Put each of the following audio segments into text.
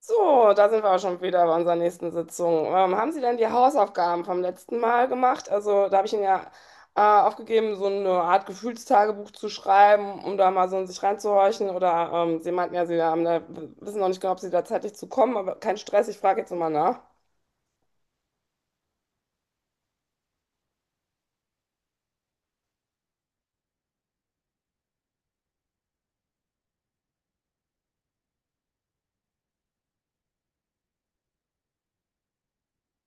So, da sind wir auch schon wieder bei unserer nächsten Sitzung. Haben Sie denn die Hausaufgaben vom letzten Mal gemacht? Also, da habe ich Ihnen ja aufgegeben, so eine Art Gefühlstagebuch zu schreiben, um da mal so in sich reinzuhorchen. Oder Sie meinten ja, Sie haben da, wissen noch nicht genau, ob Sie da zeitlich zu kommen, aber kein Stress, ich frage jetzt nochmal nach.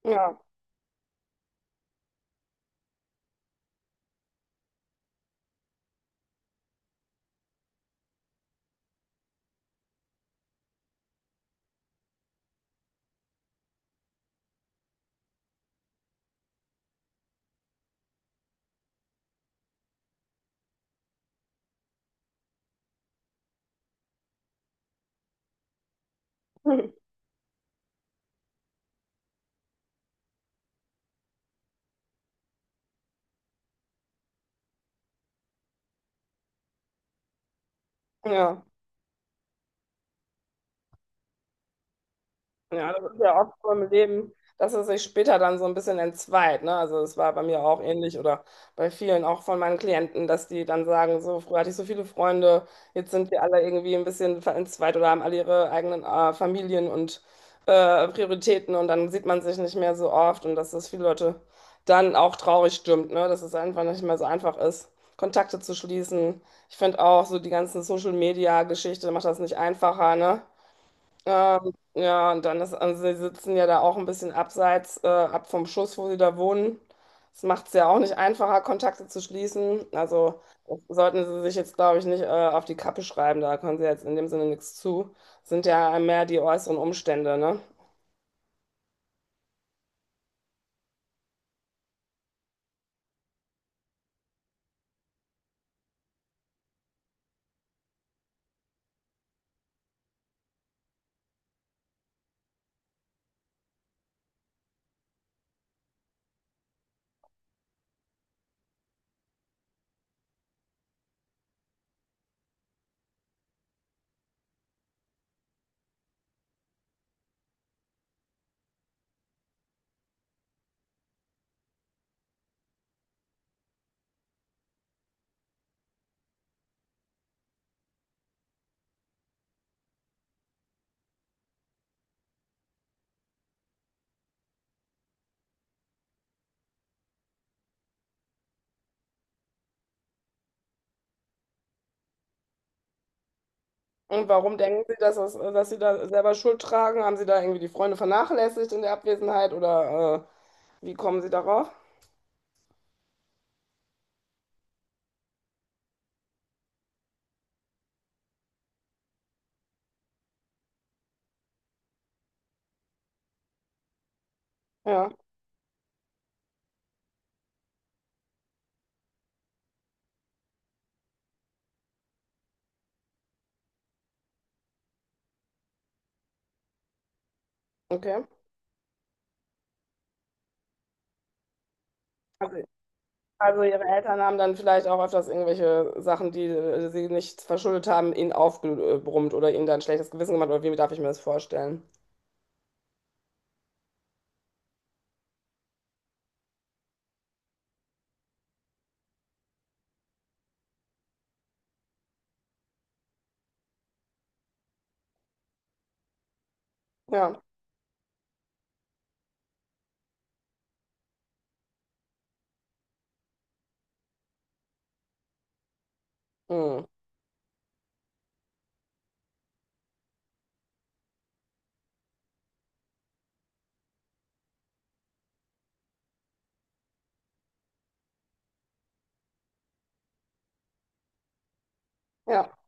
Ja. Ja. Ja, das ist ja oft so im Leben, dass es sich später dann so ein bisschen entzweit, ne? Also es war bei mir auch ähnlich oder bei vielen auch von meinen Klienten, dass die dann sagen, so früher hatte ich so viele Freunde, jetzt sind wir alle irgendwie ein bisschen entzweit oder haben alle ihre eigenen Familien und Prioritäten und dann sieht man sich nicht mehr so oft und dass das viele Leute dann auch traurig stimmt, ne? Dass es einfach nicht mehr so einfach ist, Kontakte zu schließen. Ich finde auch so die ganzen Social-Media-Geschichte macht das nicht einfacher, ne? Ja, und dann ist, also Sie sitzen ja da auch ein bisschen abseits, ab vom Schuss, wo Sie da wohnen. Das macht es ja auch nicht einfacher, Kontakte zu schließen. Also das sollten Sie sich jetzt, glaube ich, nicht, auf die Kappe schreiben. Da können Sie jetzt in dem Sinne nichts zu. Sind ja mehr die äußeren Umstände, ne? Und warum denken Sie, dass Sie da selber Schuld tragen? Haben Sie da irgendwie die Freunde vernachlässigt in der Abwesenheit oder wie kommen Sie darauf? Ja, okay. Also Also Ihre Eltern haben dann vielleicht auch öfters irgendwelche Sachen, die Sie nicht verschuldet haben, Ihnen aufgebrummt oder Ihnen dann ein schlechtes Gewissen gemacht. Oder wie darf ich mir das vorstellen? Ja. Hm. Ja.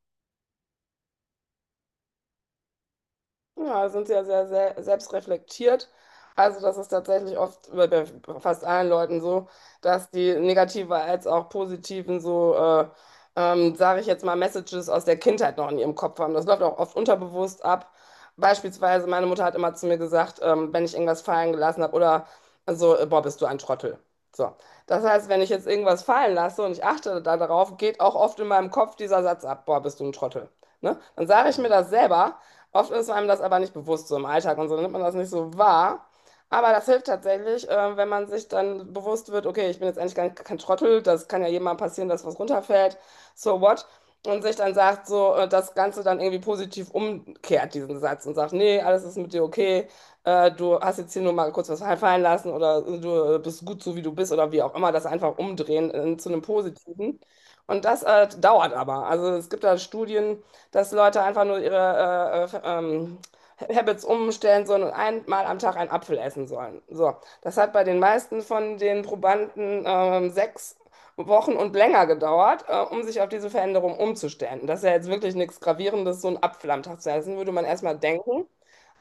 Ja, sind Sie ja sehr, sehr selbstreflektiert. Also das ist tatsächlich oft bei fast allen Leuten so, dass die negativen als auch positiven so, sage ich jetzt mal, Messages aus der Kindheit noch in ihrem Kopf haben. Das läuft auch oft unterbewusst ab. Beispielsweise meine Mutter hat immer zu mir gesagt, wenn ich irgendwas fallen gelassen habe oder so, boah, bist du ein Trottel. So. Das heißt, wenn ich jetzt irgendwas fallen lasse und ich achte da darauf, geht auch oft in meinem Kopf dieser Satz ab, boah, bist du ein Trottel. Ne? Dann sage ich mir das selber. Oft ist einem das aber nicht bewusst so im Alltag und so nimmt man das nicht so wahr. Aber das hilft tatsächlich, wenn man sich dann bewusst wird, okay, ich bin jetzt eigentlich gar nicht, kein Trottel, das kann ja jedem mal passieren, dass was runterfällt, so what? Und sich dann sagt, so das Ganze dann irgendwie positiv umkehrt, diesen Satz, und sagt, nee, alles ist mit dir okay, du hast jetzt hier nur mal kurz was fallen lassen oder du bist gut so, wie du bist oder wie auch immer, das einfach umdrehen zu einem Positiven. Und das dauert aber. Also es gibt da Studien, dass Leute einfach nur ihre Habits umstellen sollen und einmal am Tag einen Apfel essen sollen. So, das hat bei den meisten von den Probanden 6 Wochen und länger gedauert, um sich auf diese Veränderung umzustellen. Und das ist ja jetzt wirklich nichts Gravierendes, so einen Apfel am Tag zu essen, würde man erstmal denken.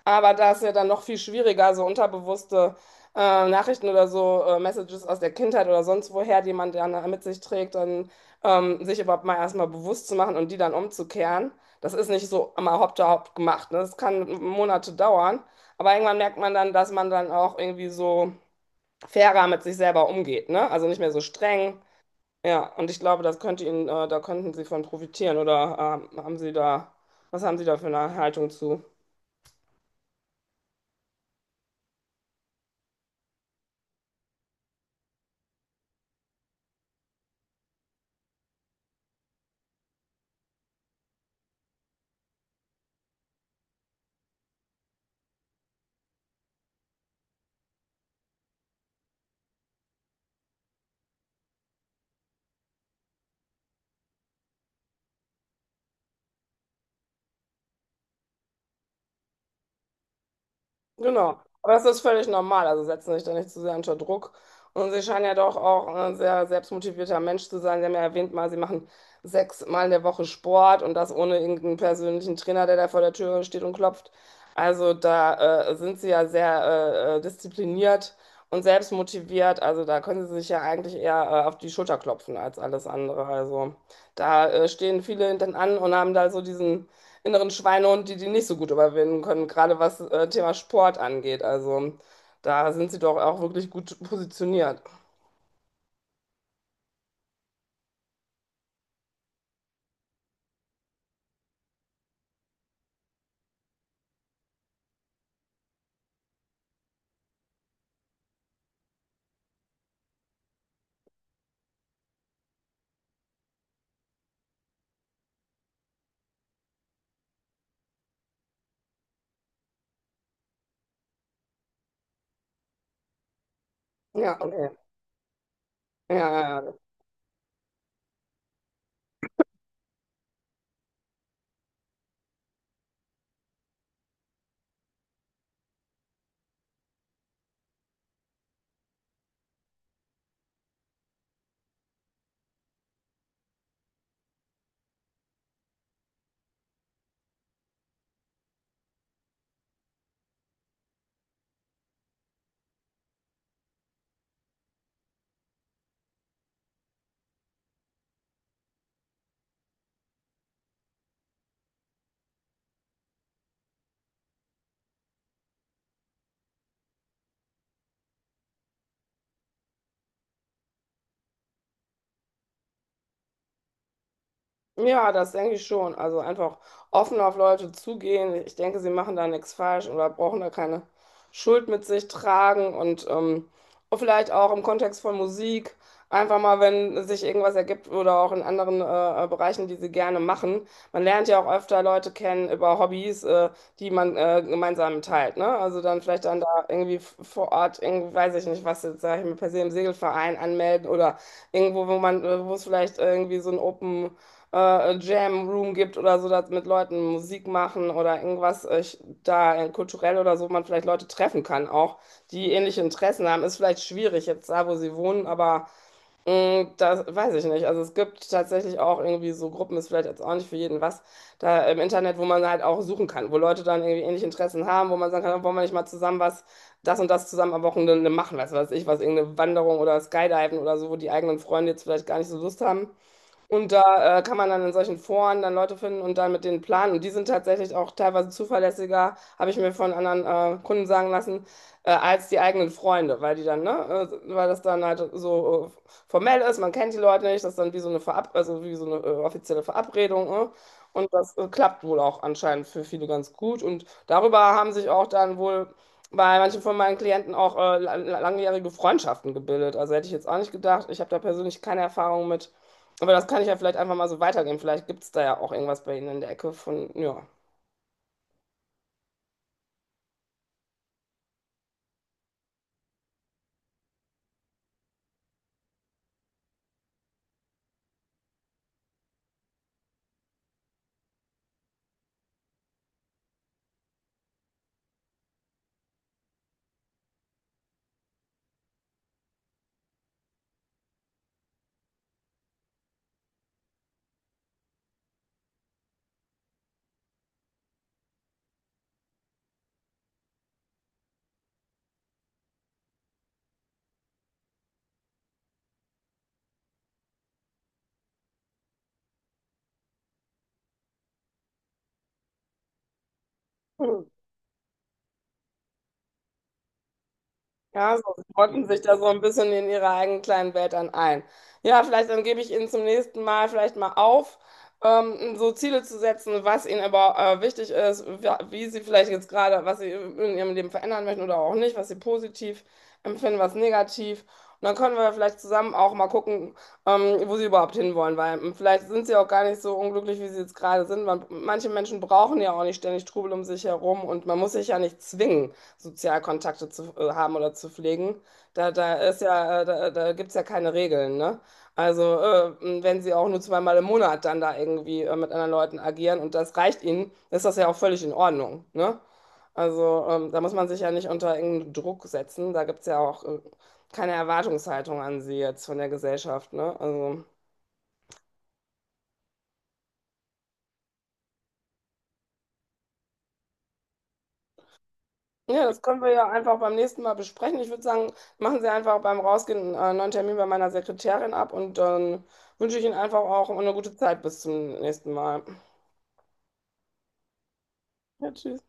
Aber da ist ja dann noch viel schwieriger, so unterbewusste Nachrichten oder so, Messages aus der Kindheit oder sonst woher, die man dann mit sich trägt, dann sich überhaupt mal erstmal bewusst zu machen und die dann umzukehren. Das ist nicht so immer hopp da hopp gemacht. Ne? Das kann Monate dauern. Aber irgendwann merkt man dann, dass man dann auch irgendwie so fairer mit sich selber umgeht, ne? Also nicht mehr so streng. Ja, und ich glaube, das könnte Ihnen, da könnten Sie von profitieren. Oder haben Sie da, was haben Sie da für eine Haltung zu? Genau, aber das ist völlig normal. Also setzen sich da nicht zu sehr unter Druck. Und Sie scheinen ja doch auch ein sehr selbstmotivierter Mensch zu sein. Sie haben ja erwähnt mal, Sie machen 6 Mal in der Woche Sport und das ohne irgendeinen persönlichen Trainer, der da vor der Tür steht und klopft. Also da sind Sie ja sehr diszipliniert und selbstmotiviert. Also da können Sie sich ja eigentlich eher auf die Schulter klopfen als alles andere. Also da stehen viele hinten an und haben da so diesen inneren Schweinehund, die die nicht so gut überwinden können, gerade was Thema Sport angeht. Also da sind Sie doch auch wirklich gut positioniert. Ja, okay. Ja, ja. Ja. Ja, das denke ich schon. Also einfach offen auf Leute zugehen. Ich denke, Sie machen da nichts falsch oder brauchen da keine Schuld mit sich tragen. Und vielleicht auch im Kontext von Musik, einfach mal, wenn sich irgendwas ergibt oder auch in anderen Bereichen, die Sie gerne machen. Man lernt ja auch öfter Leute kennen über Hobbys, die man gemeinsam teilt. Ne? Also dann vielleicht dann da irgendwie vor Ort, irgendwie, weiß ich nicht, was jetzt, sag ich mal, per se im Segelverein anmelden oder irgendwo, wo man, wo es vielleicht irgendwie so ein Open Jam Room gibt oder so, dass mit Leuten Musik machen oder irgendwas da kulturell oder so man vielleicht Leute treffen kann auch, die ähnliche Interessen haben. Ist vielleicht schwierig jetzt da, wo Sie wohnen, aber mh, das weiß ich nicht. Also es gibt tatsächlich auch irgendwie so Gruppen, ist vielleicht jetzt auch nicht für jeden was, da im Internet, wo man halt auch suchen kann, wo Leute dann irgendwie ähnliche Interessen haben, wo man sagen kann, wollen wir nicht mal zusammen was das und das zusammen am Wochenende machen, was weiß ich, was irgendeine Wanderung oder Skydiven oder so, wo die eigenen Freunde jetzt vielleicht gar nicht so Lust haben. Und da kann man dann in solchen Foren dann Leute finden und dann mit denen planen. Und die sind tatsächlich auch teilweise zuverlässiger, habe ich mir von anderen Kunden sagen lassen, als die eigenen Freunde, weil die dann, ne, weil das dann halt so formell ist, man kennt die Leute nicht, das ist dann wie so eine Verab also wie so eine offizielle Verabredung. Ne? Und das klappt wohl auch anscheinend für viele ganz gut. Und darüber haben sich auch dann wohl bei manchen von meinen Klienten auch langjährige Freundschaften gebildet. Also hätte ich jetzt auch nicht gedacht. Ich habe da persönlich keine Erfahrung mit. Aber das kann ich ja vielleicht einfach mal so weitergeben. Vielleicht gibt es da ja auch irgendwas bei Ihnen in der Ecke von, ja. Ja, so, Sie rotten sich da so ein bisschen in Ihrer eigenen kleinen Welt dann ein. Ja, vielleicht dann gebe ich Ihnen zum nächsten Mal vielleicht mal auf, so Ziele zu setzen, was Ihnen aber wichtig ist, wie Sie vielleicht jetzt gerade, was Sie in Ihrem Leben verändern möchten oder auch nicht, was Sie positiv empfinden, was negativ. Und dann können wir vielleicht zusammen auch mal gucken, wo Sie überhaupt hinwollen, weil vielleicht sind Sie auch gar nicht so unglücklich, wie Sie jetzt gerade sind. Manche Menschen brauchen ja auch nicht ständig Trubel um sich herum und man muss sich ja nicht zwingen. Sozialkontakte zu haben oder zu pflegen. Da ist ja, da gibt es ja keine Regeln, ne? Also, wenn Sie auch nur zweimal im Monat dann da irgendwie mit anderen Leuten agieren und das reicht Ihnen, ist das ja auch völlig in Ordnung, ne? Also, da muss man sich ja nicht unter irgendeinen Druck setzen. Da gibt es ja auch keine Erwartungshaltung an Sie jetzt von der Gesellschaft, ne? Also. Ja, das können wir ja einfach beim nächsten Mal besprechen. Ich würde sagen, machen Sie einfach beim Rausgehen einen neuen Termin bei meiner Sekretärin ab und dann wünsche ich Ihnen einfach auch eine gute Zeit bis zum nächsten Mal. Ja, tschüss.